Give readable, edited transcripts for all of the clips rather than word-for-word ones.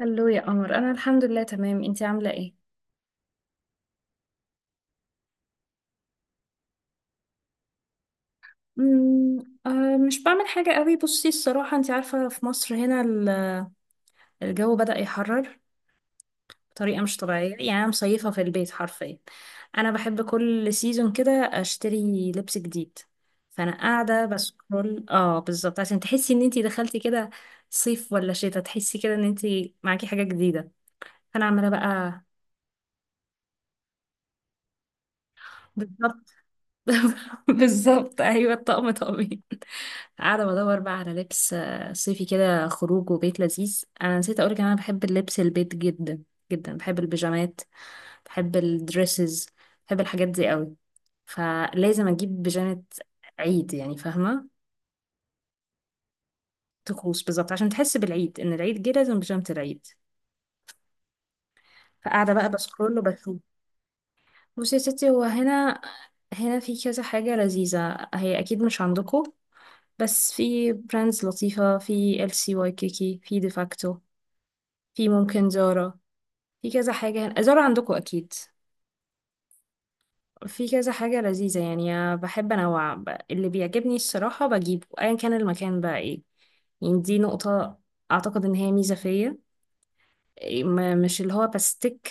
هلو يا قمر، انا الحمد لله تمام، انتي عامله ايه؟ مم، مش بعمل حاجه قوي. بصي الصراحه انتي عارفه في مصر هنا الجو بدأ يحرر بطريقه مش طبيعيه، يعني انا مصيفه في البيت حرفيا. انا بحب كل سيزون كده اشتري لبس جديد، فانا قاعده بسكرول اه بالظبط. عشان تحسي ان انتي دخلتي كده صيف ولا شتاء، تحسي كده ان انتي معاكي حاجه جديده، فانا عماله بقى. بالظبط. بالظبط ايوه، الطقم طقمين. قاعده بدور بقى على لبس صيفي كده خروج وبيت لذيذ. انا نسيت اقولك إن انا بحب اللبس البيت جدا جدا، بحب البيجامات، بحب الدريسز، بحب الحاجات دي قوي، فلازم اجيب بيجامه عيد، يعني فاهمه. طقوس بالظبط، عشان تحس بالعيد ان العيد جه لازم بيجامه العيد. فقاعده بقى بسكرول وبشوف. بصي يا ستي، هو هنا هنا في كذا حاجه لذيذه، هي اكيد مش عندكم. بس في براندز لطيفة، في ال سي واي كيكي، في ديفاكتو، في ممكن زارا، في كذا حاجة زارا عندكم أكيد، في كذا حاجة لذيذة. يعني أنا بحب أنوع اللي بيعجبني الصراحة بجيبه، أيا كان المكان بقى إيه. يعني دي نقطة، أعتقد إن هي ميزة فيا. إيه، ما- مش اللي هو بستيك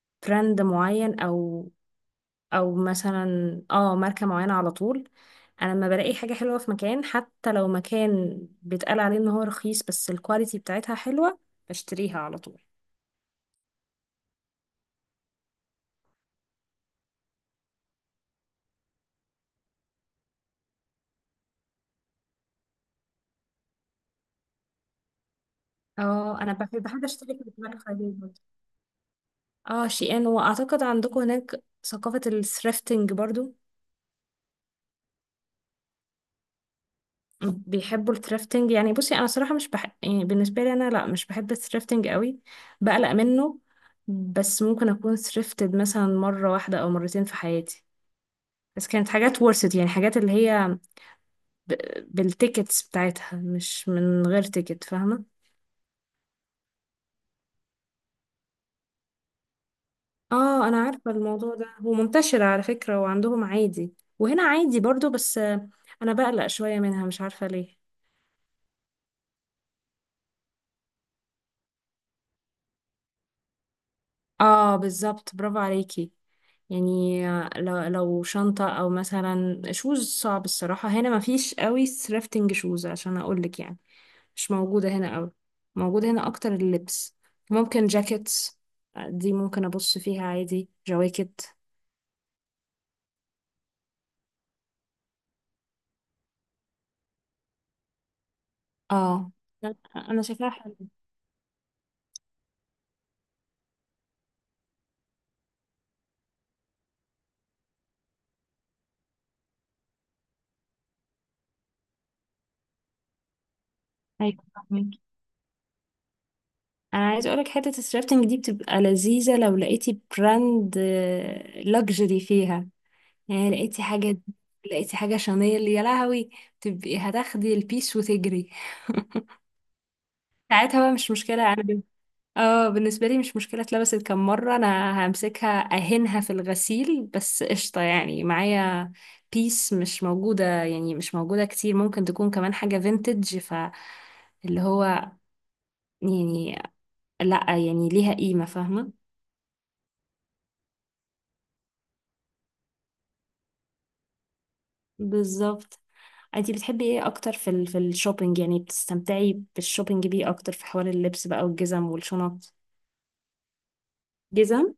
لبراند معين، أو أو مثلا اه ماركة معينة على طول. انا لما بلاقي حاجه حلوه في مكان، حتى لو مكان بيتقال عليه ان هو رخيص بس الكواليتي بتاعتها حلوه، بشتريها على طول. اه انا بحب اشتري في البلاد الخارجيه برضه. اه شيئان، واعتقد عندكم هناك ثقافه الثريفتنج برضو، بيحبوا الثريفتنج. يعني بصي انا صراحه مش بحب، يعني بالنسبه لي انا لا مش بحب الثريفتنج قوي، بقلق منه. بس ممكن اكون ثريفتد مثلا مره واحده او مرتين في حياتي، بس كانت حاجات ورثت، يعني حاجات اللي هي ب- بالتيكتس بتاعتها، مش من غير تيكت، فاهمة. اه انا عارفة الموضوع ده هو منتشر على فكرة، وعندهم عادي، وهنا عادي برضو، بس انا بقلق شوية منها، مش عارفة ليه. اه بالظبط، برافو عليكي. يعني لو شنطة او مثلا شوز، صعب الصراحة هنا مفيش قوي سرافتنج شوز عشان اقولك يعني. مش موجودة هنا قوي، موجودة هنا اكتر اللبس، ممكن جاكيتس، دي ممكن ابص فيها عادي جواكت. اه لا، انا شايفاها حلوه. ايوه فاهمك. انا عايزه اقولك، حته الثرافتنج دي بتبقى لذيذه لو لقيتي براند لوكسجري فيها، يعني لقيتي حاجه، لقيتي حاجه شانيل، يا لهوي، تبقي هتاخدي البيس وتجري. ساعتها بقى مش مشكله انا اه بالنسبه لي مش مشكله، اتلبست كم مره، انا همسكها اهنها في الغسيل بس قشطه يعني معايا. بيس مش موجوده، يعني مش موجوده كتير، ممكن تكون كمان حاجه فينتج، ف اللي هو يعني لا يعني ليها قيمة فاهمة. بالظبط. انتي بتحبي ايه اكتر في في الشوبينج، يعني بتستمتعي بالشوبينج بيه اكتر في حوار اللبس بقى والجزم والشنط؟ جزم.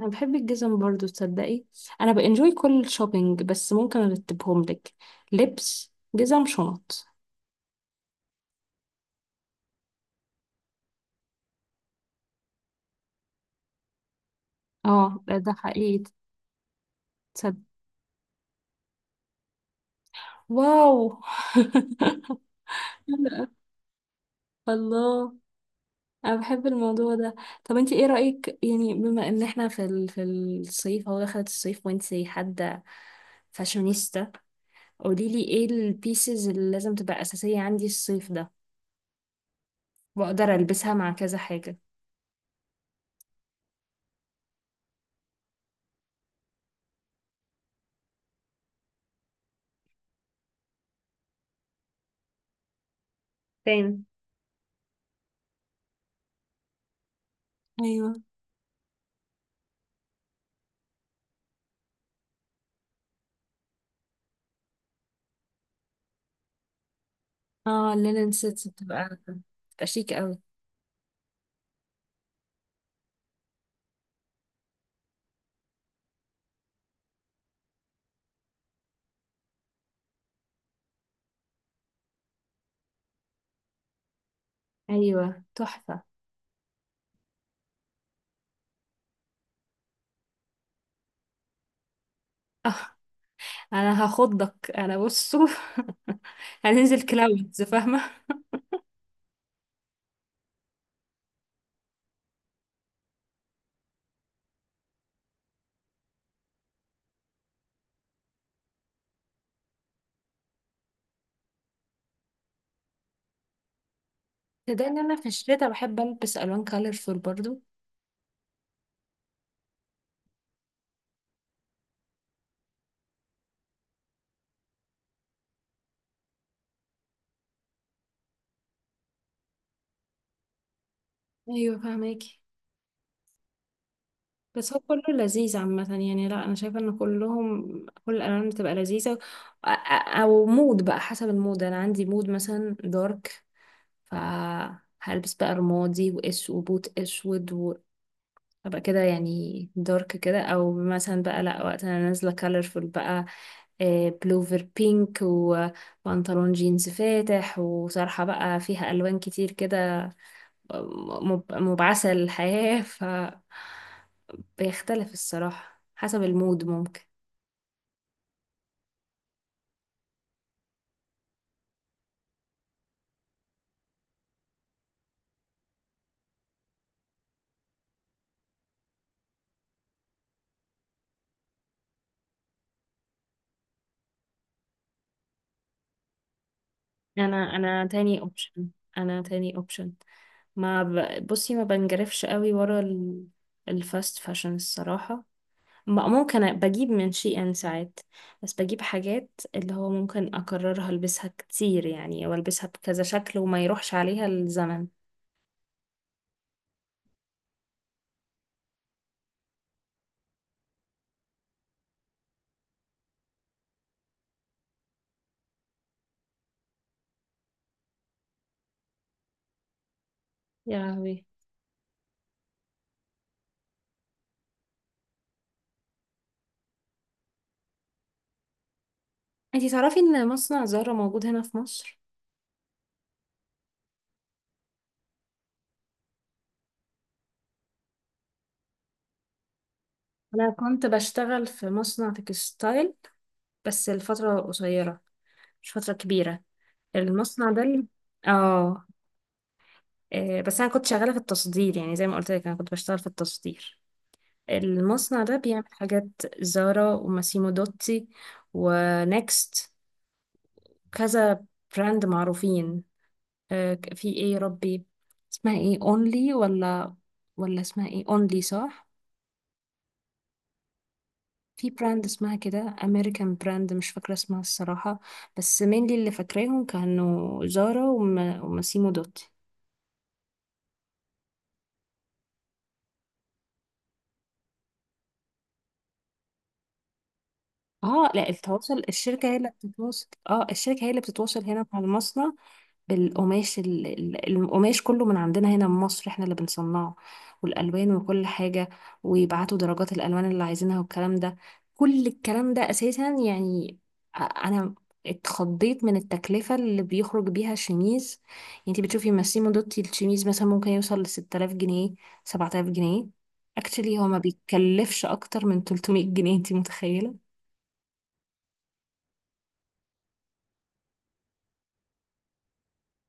انا بحب الجزم برضو، تصدقي. انا بانجوي كل الشوبينج، بس ممكن ارتبهم لك: لبس، جزم، شنط. اه ده ده حقيقي. تصدق، واو. الله، انا بحب الموضوع ده. طب انت ايه رأيك، يعني بما ان احنا في ال... في الصيف هو دخلت الصيف، وانت حد فاشونيستا، قولي لي ايه البيسز اللي لازم تبقى اساسية عندي الصيف ده واقدر البسها مع كذا حاجة. تاني. ايوه. اه اللينن سيتس بتبقى، بتبقى شيك قوي. ايوه تحفة. اه انا هاخضك انا بصوا. هننزل كلاودز فاهمة. ده ان انا في الشتا بحب البس الوان كالرفول برضو. ايوه فاهمك. بس هو كله لذيذ عامة، يعني لا أنا شايفة إن كلهم كل الألوان بتبقى لذيذة، أو مود بقى حسب المود. أنا عندي مود مثلا دارك، فهلبس بقى رمادي وإس وبوت أسود وأبقى كده، يعني دارك كده. أو مثلا بقى لا وقت أنا نازلة كالرفول بقى، بلوفر بينك وبنطلون جينز فاتح وطرحة بقى فيها ألوان كتير كده، مبعثة للحياة. ف بيختلف الصراحة حسب المود ممكن. انا تاني اوبشن. انا تاني اوبشن. ما ب... بصي ما بنجرفش قوي ورا ال... الفاست فاشن الصراحة. ممكن بجيب من شي ان ساعات، بس بجيب حاجات اللي هو ممكن اكررها، البسها كتير يعني، والبسها بكذا شكل، وما يروحش عليها الزمن. يا لهوي. انتي تعرفي ان مصنع زهرة موجود هنا في مصر؟ انا كنت بشتغل في مصنع تكستايل، بس الفترة قصيرة، مش فترة كبيرة. المصنع ده اللي... اه بس انا كنت شغاله في التصدير، يعني زي ما قلت لك انا كنت بشتغل في التصدير. المصنع ده بيعمل حاجات زارا وماسيمو دوتي ونكست، كذا براند معروفين. في ايه يا ربي اسمها ايه، اونلي، ولا ولا اسمها ايه اونلي صح. في براند اسمها كده امريكان براند، مش فاكره اسمها الصراحه، بس مين اللي فاكراهم كانوا زارا وماسيمو دوتي. اه لا التواصل، الشركة هي اللي بتتواصل، اه الشركة هي اللي بتتواصل هنا مع المصنع. بالقماش، القماش كله من عندنا هنا من مصر، احنا اللي بنصنعه، والألوان وكل حاجة، ويبعتوا درجات الألوان اللي عايزينها والكلام ده، كل الكلام ده أساسا يعني. أنا اتخضيت من التكلفة اللي بيخرج بيها الشميز. يعني انت بتشوفي ماسيمو دوتي الشميز مثلا ممكن يوصل لستة آلاف جنيه، سبعة آلاف جنيه. اكشلي هو ما بيتكلفش أكتر من 300 جنيه، انت متخيلة؟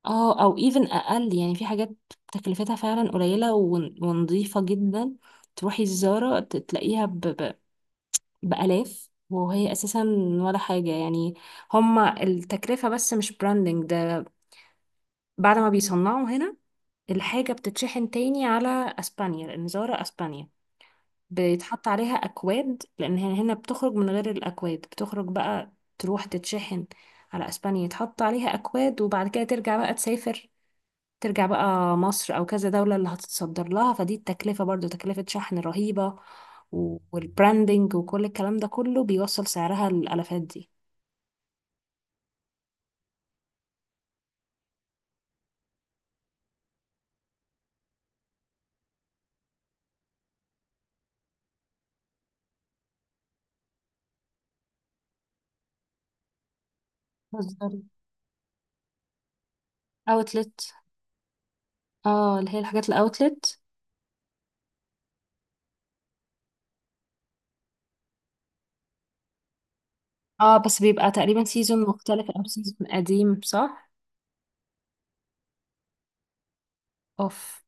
اه او even اقل، يعني في حاجات تكلفتها فعلا قليله ونظيفه جدا. تروحي الزاره تلاقيها بالاف، وهي اساسا ولا حاجه يعني، هما التكلفه بس، مش براندنج ده. بعد ما بيصنعوا هنا، الحاجه بتتشحن تاني على اسبانيا، لان زاره اسبانيا، بيتحط عليها اكواد، لان هي هنا بتخرج من غير الاكواد، بتخرج بقى تروح تتشحن على اسبانيا، يتحط عليها اكواد، وبعد كده ترجع بقى تسافر، ترجع بقى مصر او كذا دولة اللي هتتصدر لها. فدي التكلفة برضو تكلفة شحن رهيبة، والبراندنج وكل الكلام ده كله بيوصل سعرها للالافات دي. بتهزري. اوتلت. اه اللي هي الحاجات الاوتلت. اه بس بيبقى تقريبا سيزون مختلف او سيزون قديم صح. اوف.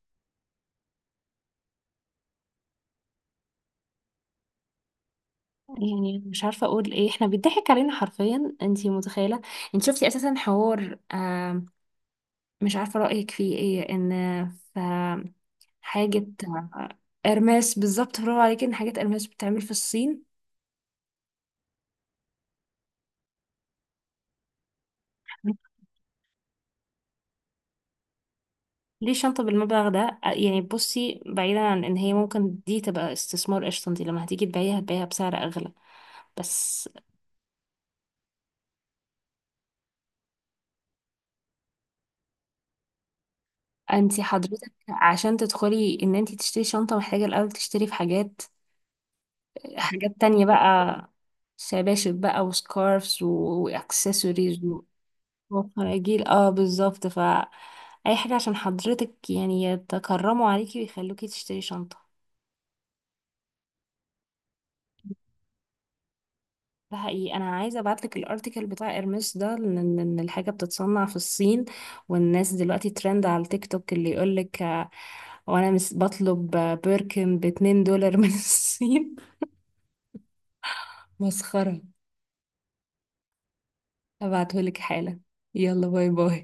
يعني مش عارفه اقول ايه، احنا بيضحك علينا حرفيا، انتي متخيله. انت شفتي اساسا حوار آه، مش عارفه رايك فيه ايه، ان حاجة قرماس. بالظبط برافو عليكي، ان حاجة قرماس بتتعمل في الصين. ليه شنطة بالمبلغ ده؟ يعني بصي، بعيدا عن ان هي ممكن دي تبقى استثمار قشطة، انتي لما هتيجي تبيعيها هتبيعيها بسعر اغلى. بس انتي حضرتك عشان تدخلي ان انتي تشتري شنطة، محتاجة الاول تشتري في حاجات، حاجات تانية بقى، شباشب بقى وسكارفز واكسسوارز وفراجيل. اه بالظبط، ف اي حاجة عشان حضرتك يعني يتكرموا عليكي ويخلوكي تشتري شنطة. ده حقيقي. انا عايزه ابعت لك الارتيكل بتاع ارمس ده، لان إن الحاجه بتتصنع في الصين، والناس دلوقتي ترند على التيك توك اللي يقول لك، وانا مس بطلب بيركن ب 2 دولار من الصين. مسخره. ابعته لك حالا. يلا باي باي.